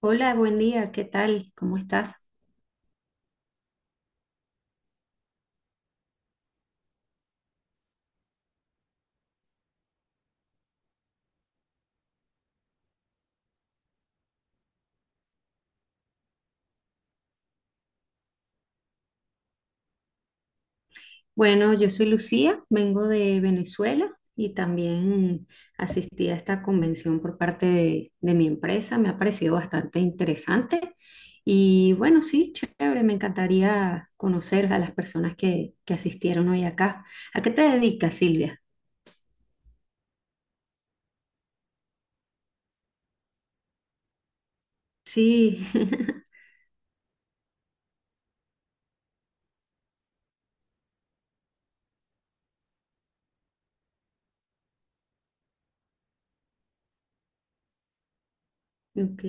Hola, buen día, ¿qué tal? ¿Cómo estás? Bueno, yo soy Lucía, vengo de Venezuela y también asistí a esta convención por parte de mi empresa. Me ha parecido bastante interesante y bueno, sí, chévere, me encantaría conocer a las personas que asistieron hoy acá. ¿A qué te dedicas, Silvia? Sí, ok,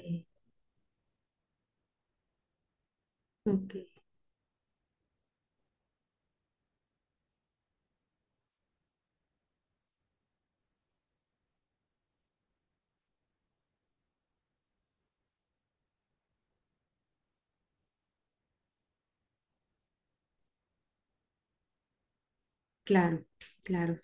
ok, claro, claro,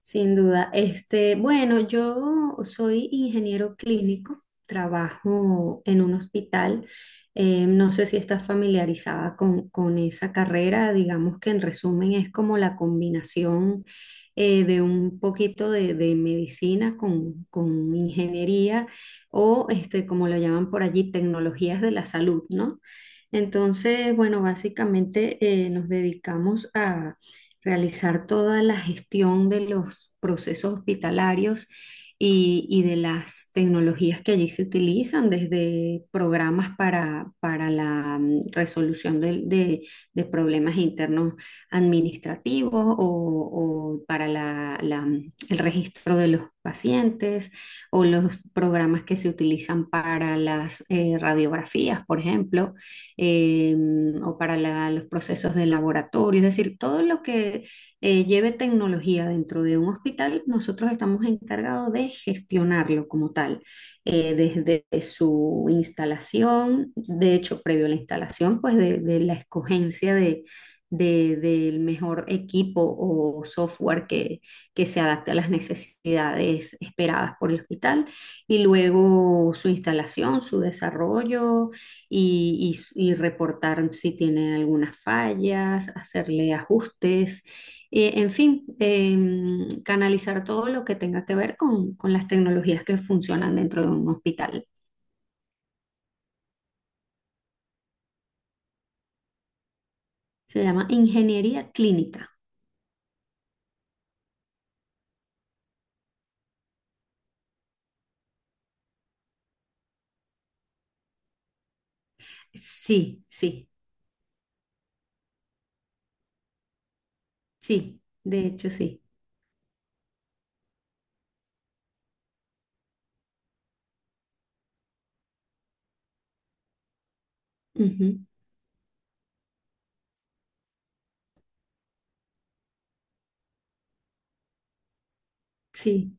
sin duda. Este, bueno, yo soy ingeniero clínico, trabajo en un hospital. No sé si estás familiarizada con esa carrera. Digamos que en resumen es como la combinación de un poquito de medicina con ingeniería o, este, como lo llaman por allí, tecnologías de la salud, ¿no? Entonces, bueno, básicamente nos dedicamos realizar toda la gestión de los procesos hospitalarios y de las tecnologías que allí se utilizan, desde programas para la resolución de problemas internos administrativos o para la el registro de los pacientes o los programas que se utilizan para las radiografías, por ejemplo eh, o para los procesos de laboratorio, es decir, todo lo que lleve tecnología dentro de un hospital, nosotros estamos encargados de gestionarlo como tal, desde su instalación, de hecho, previo a la instalación, pues de la escogencia del mejor equipo o software que se adapte a las necesidades esperadas por el hospital y luego su instalación, su desarrollo y reportar si tiene algunas fallas, hacerle ajustes, en fin, canalizar todo lo que tenga que ver con las tecnologías que funcionan dentro de un hospital. Se llama ingeniería clínica. Sí, sí, sí, de hecho sí. Ujú, sí.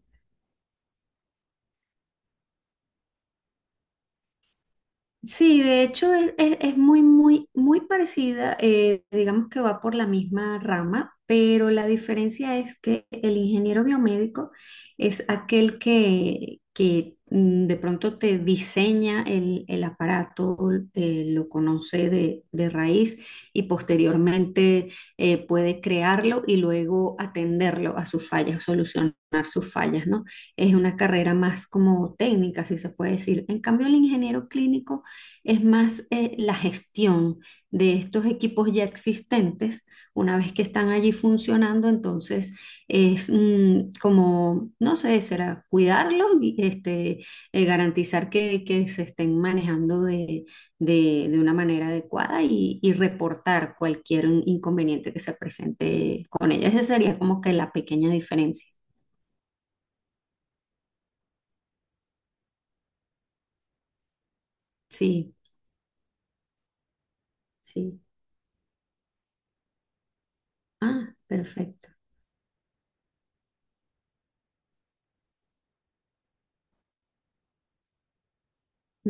Sí, de hecho es, es muy, muy, muy parecida, digamos que va por la misma rama, pero la diferencia es que el ingeniero biomédico es aquel que de pronto te diseña el aparato, lo conoce de raíz y posteriormente puede crearlo y luego atenderlo a sus fallas, solucionar sus fallas, ¿no? Es una carrera más como técnica, si se puede decir. En cambio, el ingeniero clínico es más la gestión de estos equipos ya existentes, una vez que están allí funcionando, entonces es como, no sé, será cuidarlos y este, garantizar que se estén manejando de una manera adecuada y reportar cualquier inconveniente que se presente con ellos. Esa sería como que la pequeña diferencia. Sí, sí. Ah, perfecto.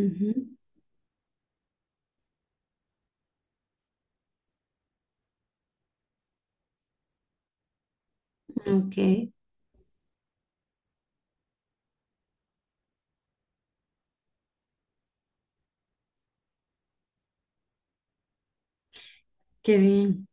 Ujú. Ok, qué bien.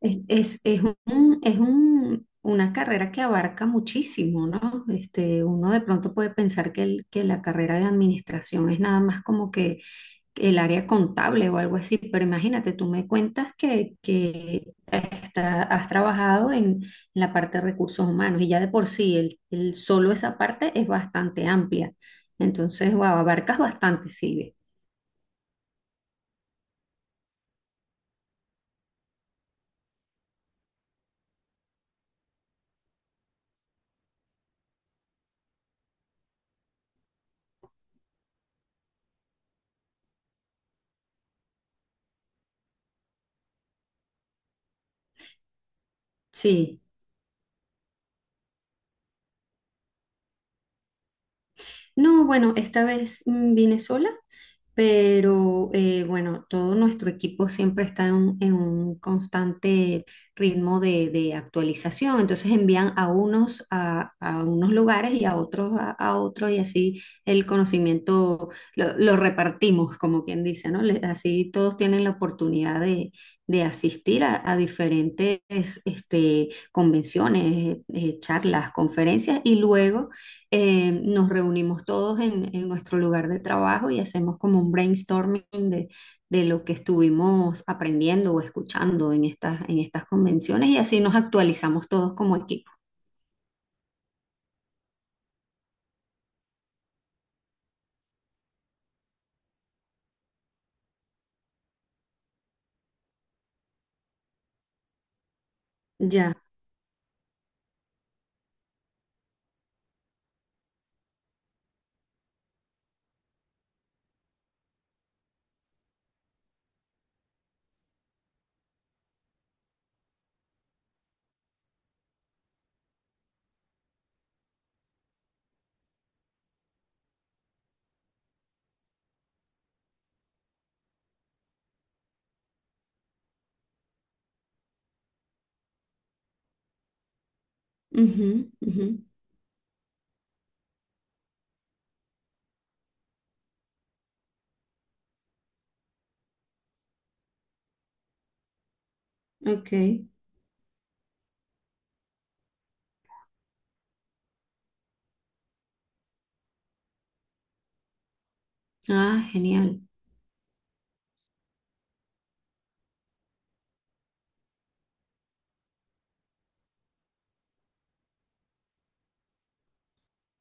Es, es un- una carrera que abarca muchísimo, ¿no? Este, uno de pronto puede pensar que, que la carrera de administración es nada más como que el área contable o algo así, pero imagínate, tú me cuentas que has trabajado en la parte de recursos humanos y ya de por sí solo esa parte es bastante amplia. Entonces, wow, abarcas bastante, Silvia. Sí. No, bueno, esta vez vine sola, pero bueno, todo nuestro equipo siempre está en un constante ritmo de actualización, entonces envían a unos a unos lugares y a otros a otros y así el conocimiento lo repartimos, como quien dice, ¿no? Le- así todos tienen la oportunidad de asistir a diferentes este, convenciones, charlas, conferencias y luego nos reunimos todos en nuestro lugar de trabajo y hacemos como un brainstorming de lo que estuvimos aprendiendo o escuchando en estas convenciones y así nos actualizamos todos como equipo. Ya. Ujú, ujú. Ok. Ah, genial.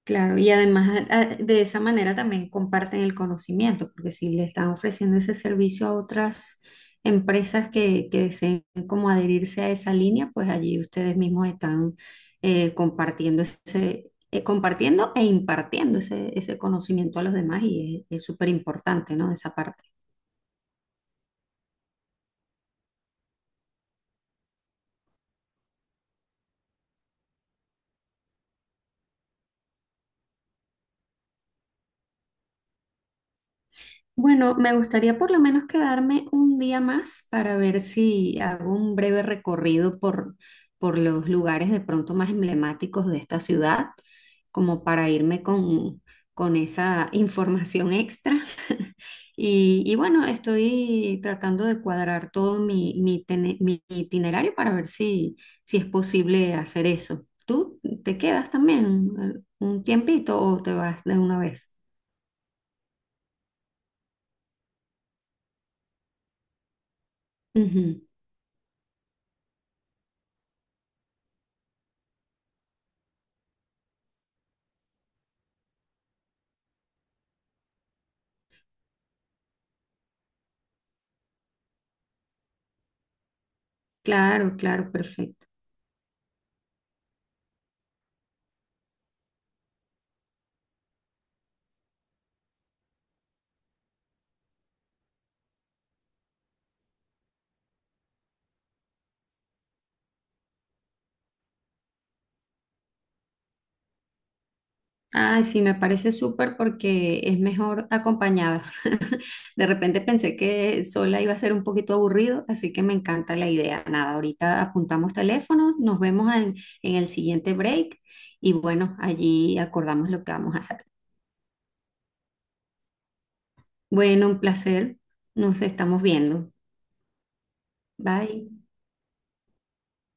Claro, y además de esa manera también comparten el conocimiento, porque si le están ofreciendo ese servicio a otras empresas que deseen como adherirse a esa línea, pues allí ustedes mismos están compartiendo ese, compartiendo e impartiendo ese, ese conocimiento a los demás y es súper importante, ¿no? Esa parte. Bueno, me gustaría por lo menos quedarme un día más para ver si hago un breve recorrido por los lugares de pronto más emblemáticos de esta ciudad, como para irme con esa información extra. Y bueno, estoy tratando de cuadrar todo mi, mi, mi itinerario para ver si, si es posible hacer eso. ¿Tú te quedas también un tiempito o te vas de una vez? Claro, claro, perfecto. Ah, sí, me parece súper porque es mejor acompañada. De repente pensé que sola iba a ser un poquito aburrido, así que me encanta la idea. Nada, ahorita apuntamos teléfonos, nos vemos en el siguiente break y bueno, allí acordamos lo que vamos a hacer. Bueno, un placer. Nos estamos viendo. Bye.